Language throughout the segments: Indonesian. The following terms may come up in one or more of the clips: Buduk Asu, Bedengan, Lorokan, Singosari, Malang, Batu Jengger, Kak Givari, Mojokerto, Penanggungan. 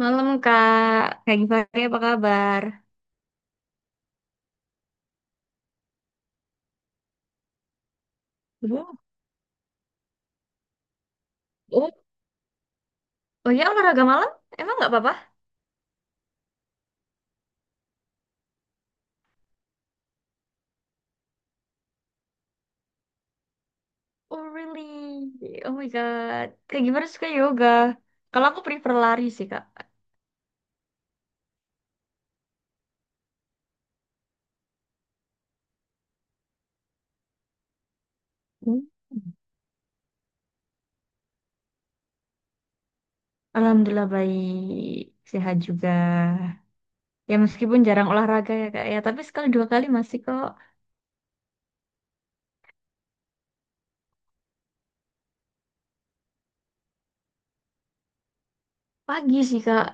Malam Kak, Kak Givari apa kabar? Oh. Oh, oh ya, olahraga malam? Emang nggak apa-apa? Oh really? Oh my God, Kak Givari suka yoga. Kalau aku prefer lari sih, Kak. Hmm. Alhamdulillah baik, sehat juga. Ya meskipun jarang olahraga ya Kak ya, tapi sekali dua kali masih kok. Pagi sih, Kak.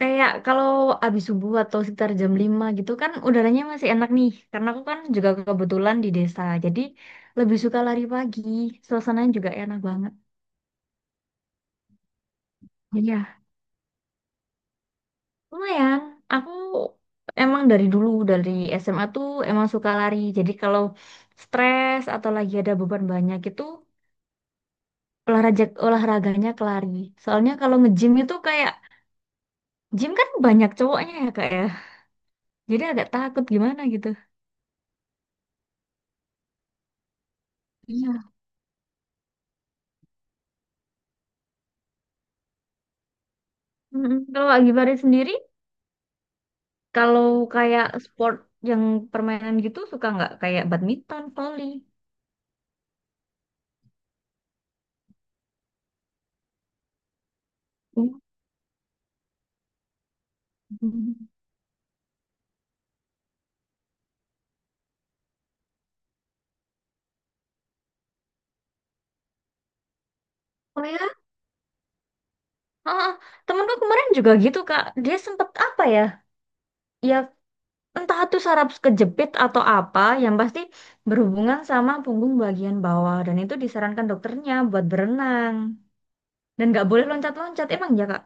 Kayak kalau habis subuh atau sekitar jam 5 gitu kan udaranya masih enak nih. Karena aku kan juga kebetulan di desa. Jadi lebih suka lari pagi. Suasananya juga enak banget. Iya, lumayan. Aku emang dari dulu, dari SMA tuh emang suka lari. Jadi kalau stres atau lagi ada beban banyak itu olahraganya ke lari. Soalnya kalau nge-gym itu kayak gym kan banyak cowoknya ya kak ya. Jadi agak takut gimana gitu. Iya. Mm-mm. Kalau Kak Givari sendiri, kalau kayak sport yang permainan gitu suka nggak? Kayak badminton, volley. Hmm. Oh ya? Ah, temenku kemarin juga gitu, Kak. Dia sempet apa ya? Ya entah itu saraf kejepit atau apa, yang pasti berhubungan sama punggung bagian bawah. Dan itu disarankan dokternya buat berenang. Dan nggak boleh loncat-loncat. Emang ya, Kak?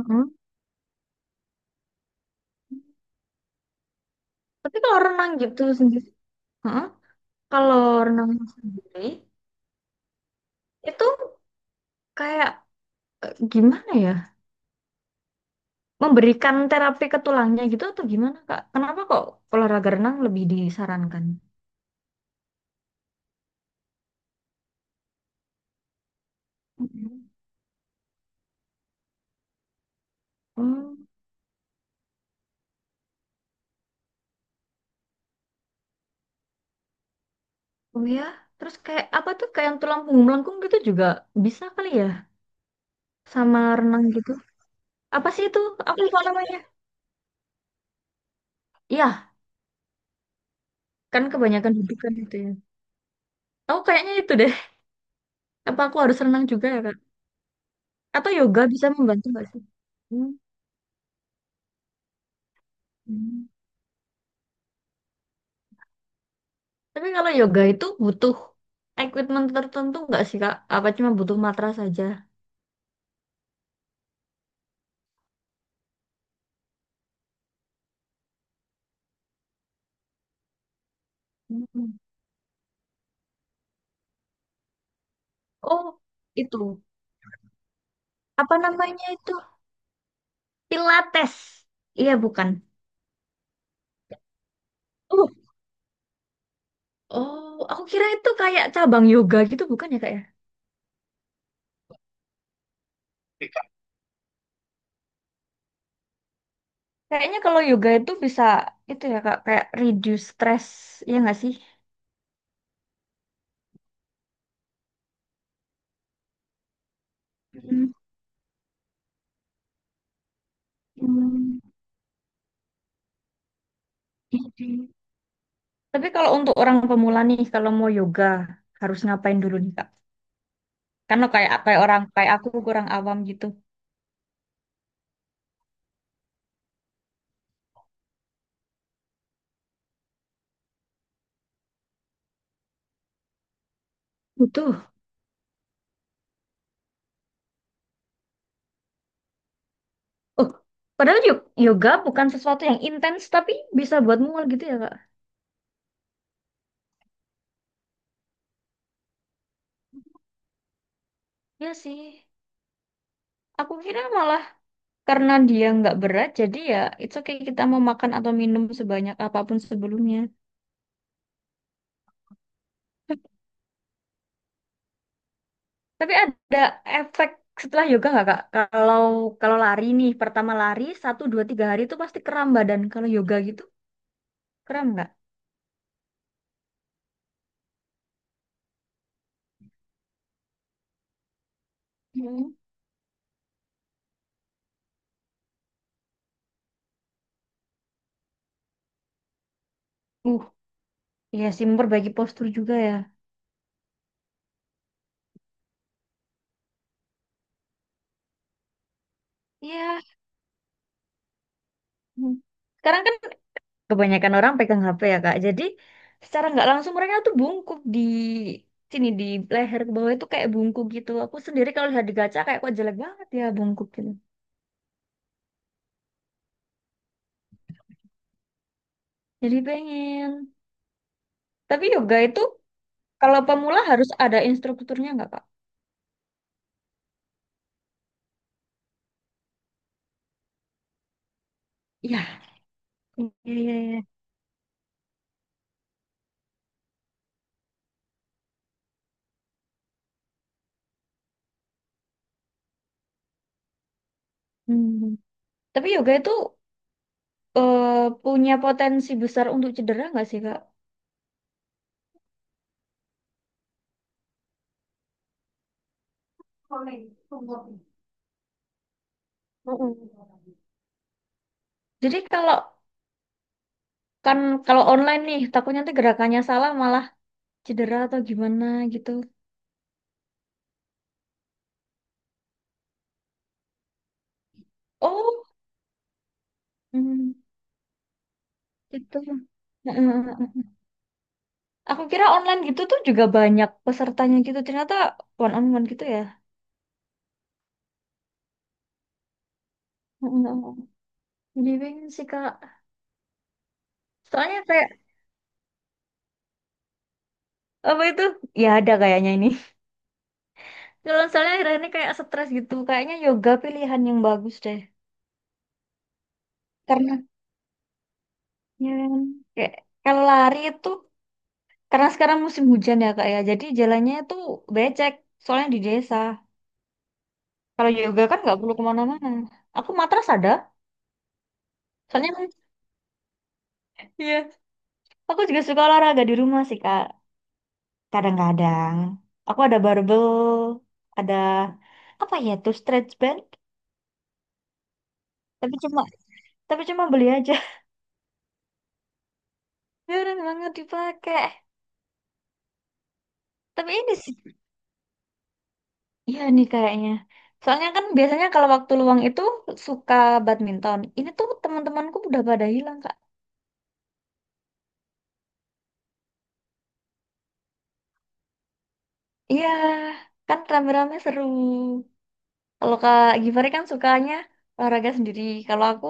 Mm-mm. Tapi kalau renang gitu sendiri, heeh. Kalau renang sendiri itu kayak gimana ya? Memberikan terapi ke tulangnya gitu atau gimana, Kak? Kenapa kok olahraga renang lebih disarankan? Mm-mm. Hmm, oh oh ya. Terus kayak apa tuh kayak yang tulang punggung melengkung gitu juga bisa kali ya sama renang gitu. Apa sih itu? Aku lupa namanya. Iya, kan kebanyakan dudukan itu ya. Aku kayaknya itu deh. Apa aku harus renang juga ya, Kak? Atau yoga bisa membantu nggak sih? Hmm. Hmm. Tapi kalau yoga itu butuh equipment tertentu nggak sih, Kak? Apa cuma butuh matras saja? Mm. Oh, itu. Apa namanya itu, Pilates? Iya, bukan. Oh, oh aku kira itu kayak cabang yoga gitu, bukan ya kak ya? Kayaknya kalau yoga itu bisa itu ya kak, kayak reduce stress, ya nggak sih? Hmm, hmm, jadi tapi kalau untuk orang pemula nih kalau mau yoga harus ngapain dulu nih kak, karena kayak kayak orang aku kurang awam gitu. Butuh. Oh, padahal yoga bukan sesuatu yang intens tapi bisa buat mual gitu ya kak? Ya sih, aku kira malah karena dia nggak berat jadi ya it's okay kita mau makan atau minum sebanyak apapun sebelumnya. Tapi ada efek setelah yoga nggak kak? Kalau kalau lari nih pertama lari 1 2 3 hari itu pasti kram badan, kalau yoga gitu kram nggak? Hmm. Uh, iya sih, memperbaiki postur juga ya. Iya. Hmm. Sekarang kan kebanyakan orang pegang HP ya Kak. Jadi secara nggak langsung mereka tuh bungkuk di sini, di leher ke bawah itu kayak bungkuk gitu. Aku sendiri kalau lihat di kaca kayak kok jelek banget ya bungkuk gitu. Jadi pengen. Tapi yoga itu kalau pemula harus ada instrukturnya nggak, Kak? Ya. Iya, iya, iya. Hmm. Tapi yoga itu eh, punya potensi besar untuk cedera nggak sih, Kak? Mm-mm. Jadi kalau kan kalau online nih takutnya nanti gerakannya salah malah cedera atau gimana gitu. Oh, hmm, gitu. Mm, mm, mm. Aku kira online gitu tuh juga banyak pesertanya gitu. Ternyata one on one gitu ya. Mm, mm, mm. Jadi pengen sih, Kak. Soalnya kayak apa itu? Ya ada kayaknya ini. Kalau soalnya akhir-akhir ini kayak stres gitu, kayaknya yoga pilihan yang bagus deh. Karena ya, kan, kayak kalau lari itu karena sekarang musim hujan ya kak ya, jadi jalannya itu becek. Soalnya di desa. Kalau yoga kan nggak perlu kemana-mana. Aku matras ada. Soalnya kan, iya, aku juga suka olahraga di rumah sih kak. Kadang-kadang aku ada barbel, ada apa ya tuh stretch band. Tapi cuma tapi cuma beli aja, jarang banget dipakai. Tapi ini sih, iya nih kayaknya. Soalnya kan biasanya kalau waktu luang itu suka badminton. Ini tuh teman-temanku udah pada hilang, Kak. Iya, kan rame-rame seru. Kalau Kak Givari kan sukanya olahraga sendiri. Kalau aku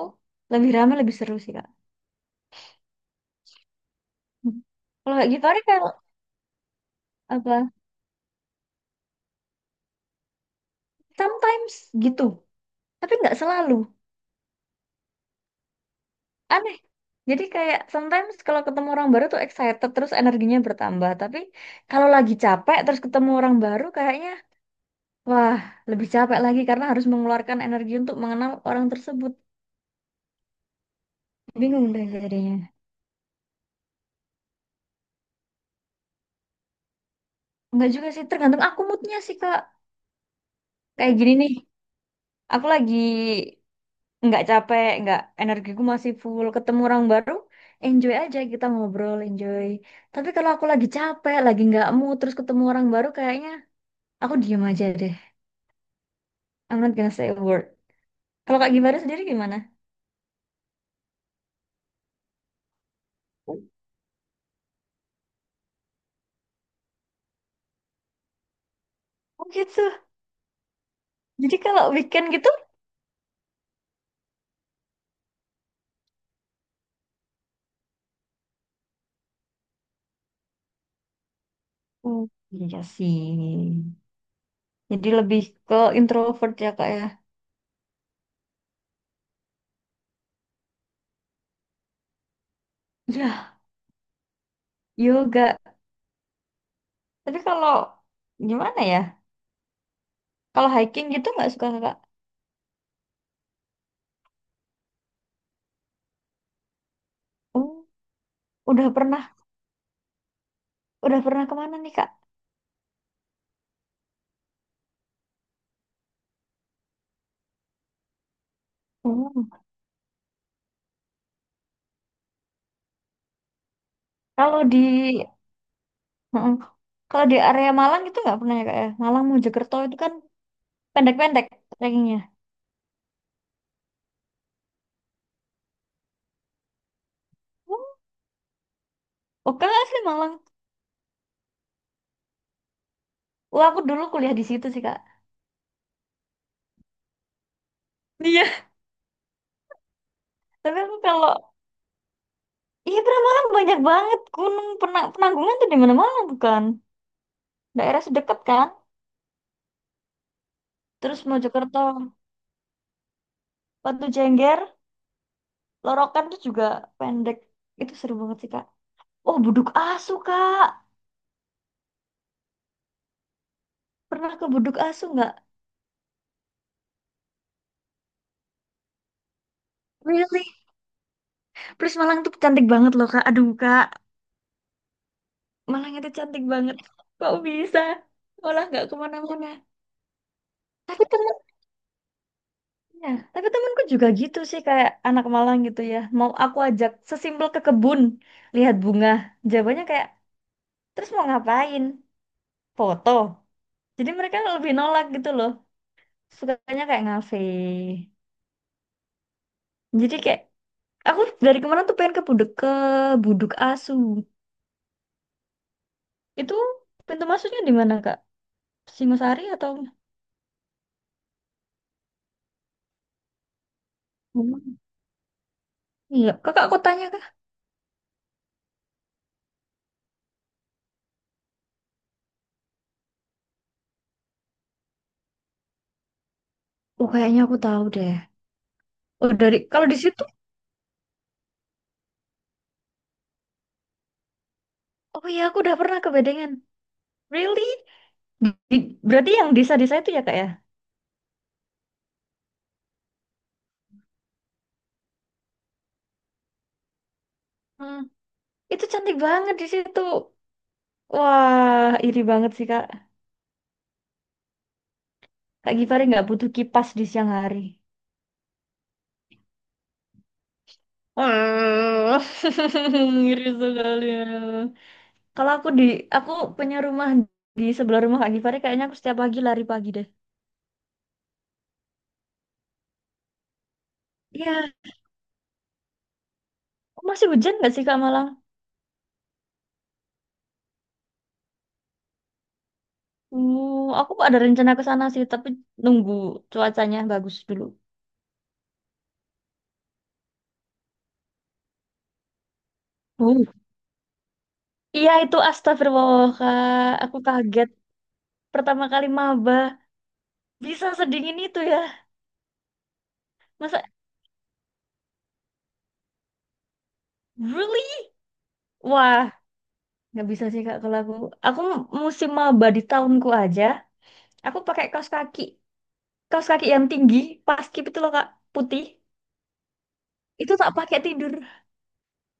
lebih rame, lebih seru sih, Kak. Hmm. Kalau Kak Givari kalau apa? Sometimes gitu. Tapi nggak selalu. Aneh. Jadi kayak sometimes kalau ketemu orang baru tuh excited terus energinya bertambah. Tapi kalau lagi capek terus ketemu orang baru kayaknya wah lebih capek lagi karena harus mengeluarkan energi untuk mengenal orang tersebut. Bingung deh jadinya. Enggak juga sih, tergantung aku moodnya sih Kak. Kayak gini nih, aku lagi nggak capek, nggak energiku masih full ketemu orang baru. Enjoy aja kita ngobrol, enjoy. Tapi kalau aku lagi capek, lagi nggak mood, terus ketemu orang baru, kayaknya aku diem aja deh. I'm not gonna say a word. Kalau Kak Gimana sendiri gimana? Oh gitu. Jadi kalau weekend gitu? Hmm, iya sih. Jadi lebih ke introvert ya Kak ya. Ya, yoga. Tapi kalau gimana ya? Kalau hiking gitu nggak suka Kak? Oh, udah pernah, udah pernah kemana nih Kak? Oh, kalau di heeh. Kalau di area Malang itu nggak pernah ya Kak ya? Malang Mojokerto itu kan pendek-pendek trekkingnya. Oh, oke nggak sih Malang? Wah, aku dulu kuliah di situ sih Kak. Iya, tapi aku kalau iya pernah, malam banyak banget gunung penanggungan tuh di mana-mana, bukan daerah sedekat kan, terus Mojokerto, Batu Jengger, Lorokan tuh juga pendek, itu seru banget sih kak. Oh, Buduk Asu kak, pernah ke Buduk Asu nggak? Really? Terus Malang tuh cantik banget loh kak, aduh kak, Malang itu cantik banget, kok bisa malah nggak kemana-mana. Tapi temennya, tapi temenku juga gitu sih kayak anak Malang gitu ya, mau aku ajak sesimpel ke kebun lihat bunga jawabannya kayak, terus mau ngapain? Foto. Jadi mereka lebih nolak gitu loh. Sukanya kayak ngafe. Jadi kayak aku dari kemarin tuh pengen ke Budek ke Buduk Asu. Itu pintu masuknya di mana, Kak? Singosari atau memang. Iya, Kakak aku tanya Kak. Oh, kayaknya aku tahu deh. Oh, dari kalau di situ, oh iya aku udah pernah ke Bedengan. Really? Di- berarti yang desa-desa itu ya, Kak ya? Hmm. Itu cantik banget di situ. Wah, iri banget sih, Kak. Kak Givari nggak butuh kipas di siang hari. Ah, ngiri sekali. Kalau aku di, aku punya rumah di sebelah rumah Kak Givari, kayaknya aku setiap pagi lari pagi deh. Iya. Oh, masih hujan nggak sih Kak Malang? Aku ada rencana ke sana sih, tapi nunggu cuacanya bagus dulu. Oh. Iya itu astagfirullah Kak, aku kaget. Pertama kali maba bisa sedingin itu ya. Masa really? Wah, nggak bisa sih kak kalau aku musim maba di tahunku aja aku pakai kaos kaki, kaos kaki yang tinggi, paskib itu loh kak, putih, itu tak pakai tidur,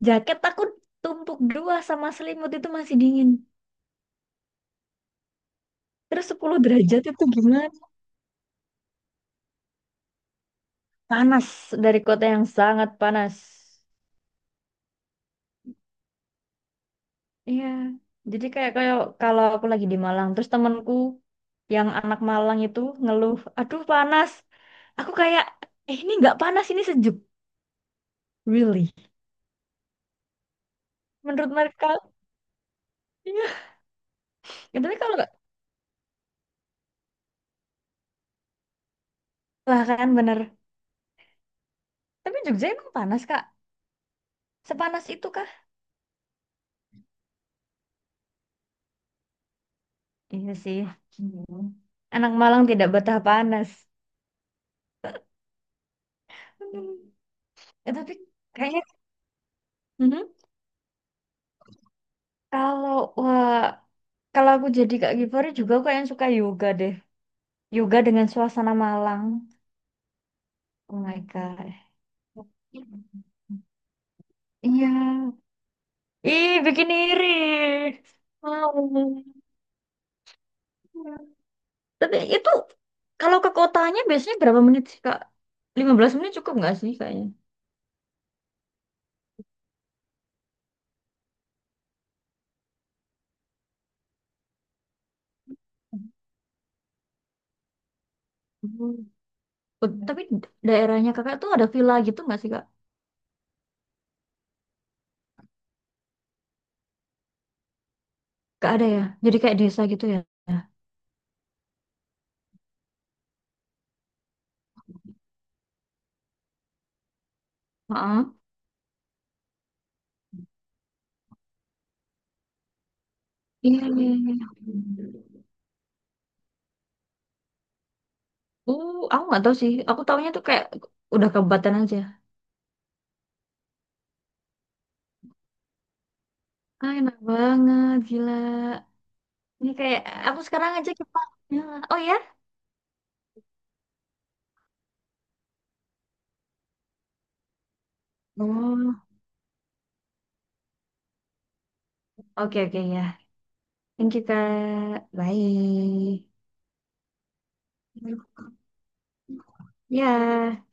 jaket aku tumpuk dua sama selimut itu masih dingin. Terus 10 derajat itu gimana? Panas. Dari kota yang sangat panas. Iya, jadi kayak kayak kalau aku lagi di Malang terus temanku yang anak Malang itu ngeluh aduh panas, aku kayak eh ini nggak panas, ini sejuk, really, menurut mereka. Iya. Ya, tapi kalau lah kan bener. Tapi Jogja emang panas Kak. Sepanas itu kah? Iya sih. Hmm. Anak Malang tidak betah panas. Hmm. Eh, tapi kayaknya mhm, kalau wah, kalau aku jadi Kak Givari juga aku yang suka yoga deh. Yoga dengan suasana Malang. Oh my God. Iya. Ih, bikin iri. Mau. Iya. Tapi itu kalau ke kotanya biasanya berapa menit sih, Kak? 15 menit cukup nggak sih kayaknya? Hmm. Oh, tapi daerahnya kakak tuh ada villa gitu nggak sih kak? Gak ada ya? Jadi kayak desa gitu ya? Heeh. Iya, iya, iya. Aku nggak tahu sih. Aku taunya tuh kayak udah kabupaten aja. Ah, enak banget, gila. Ini kayak aku sekarang aja ke Pak. Ya. Oh ya? Oh, oke oke ya. Thank you Kak. Bye. Ya.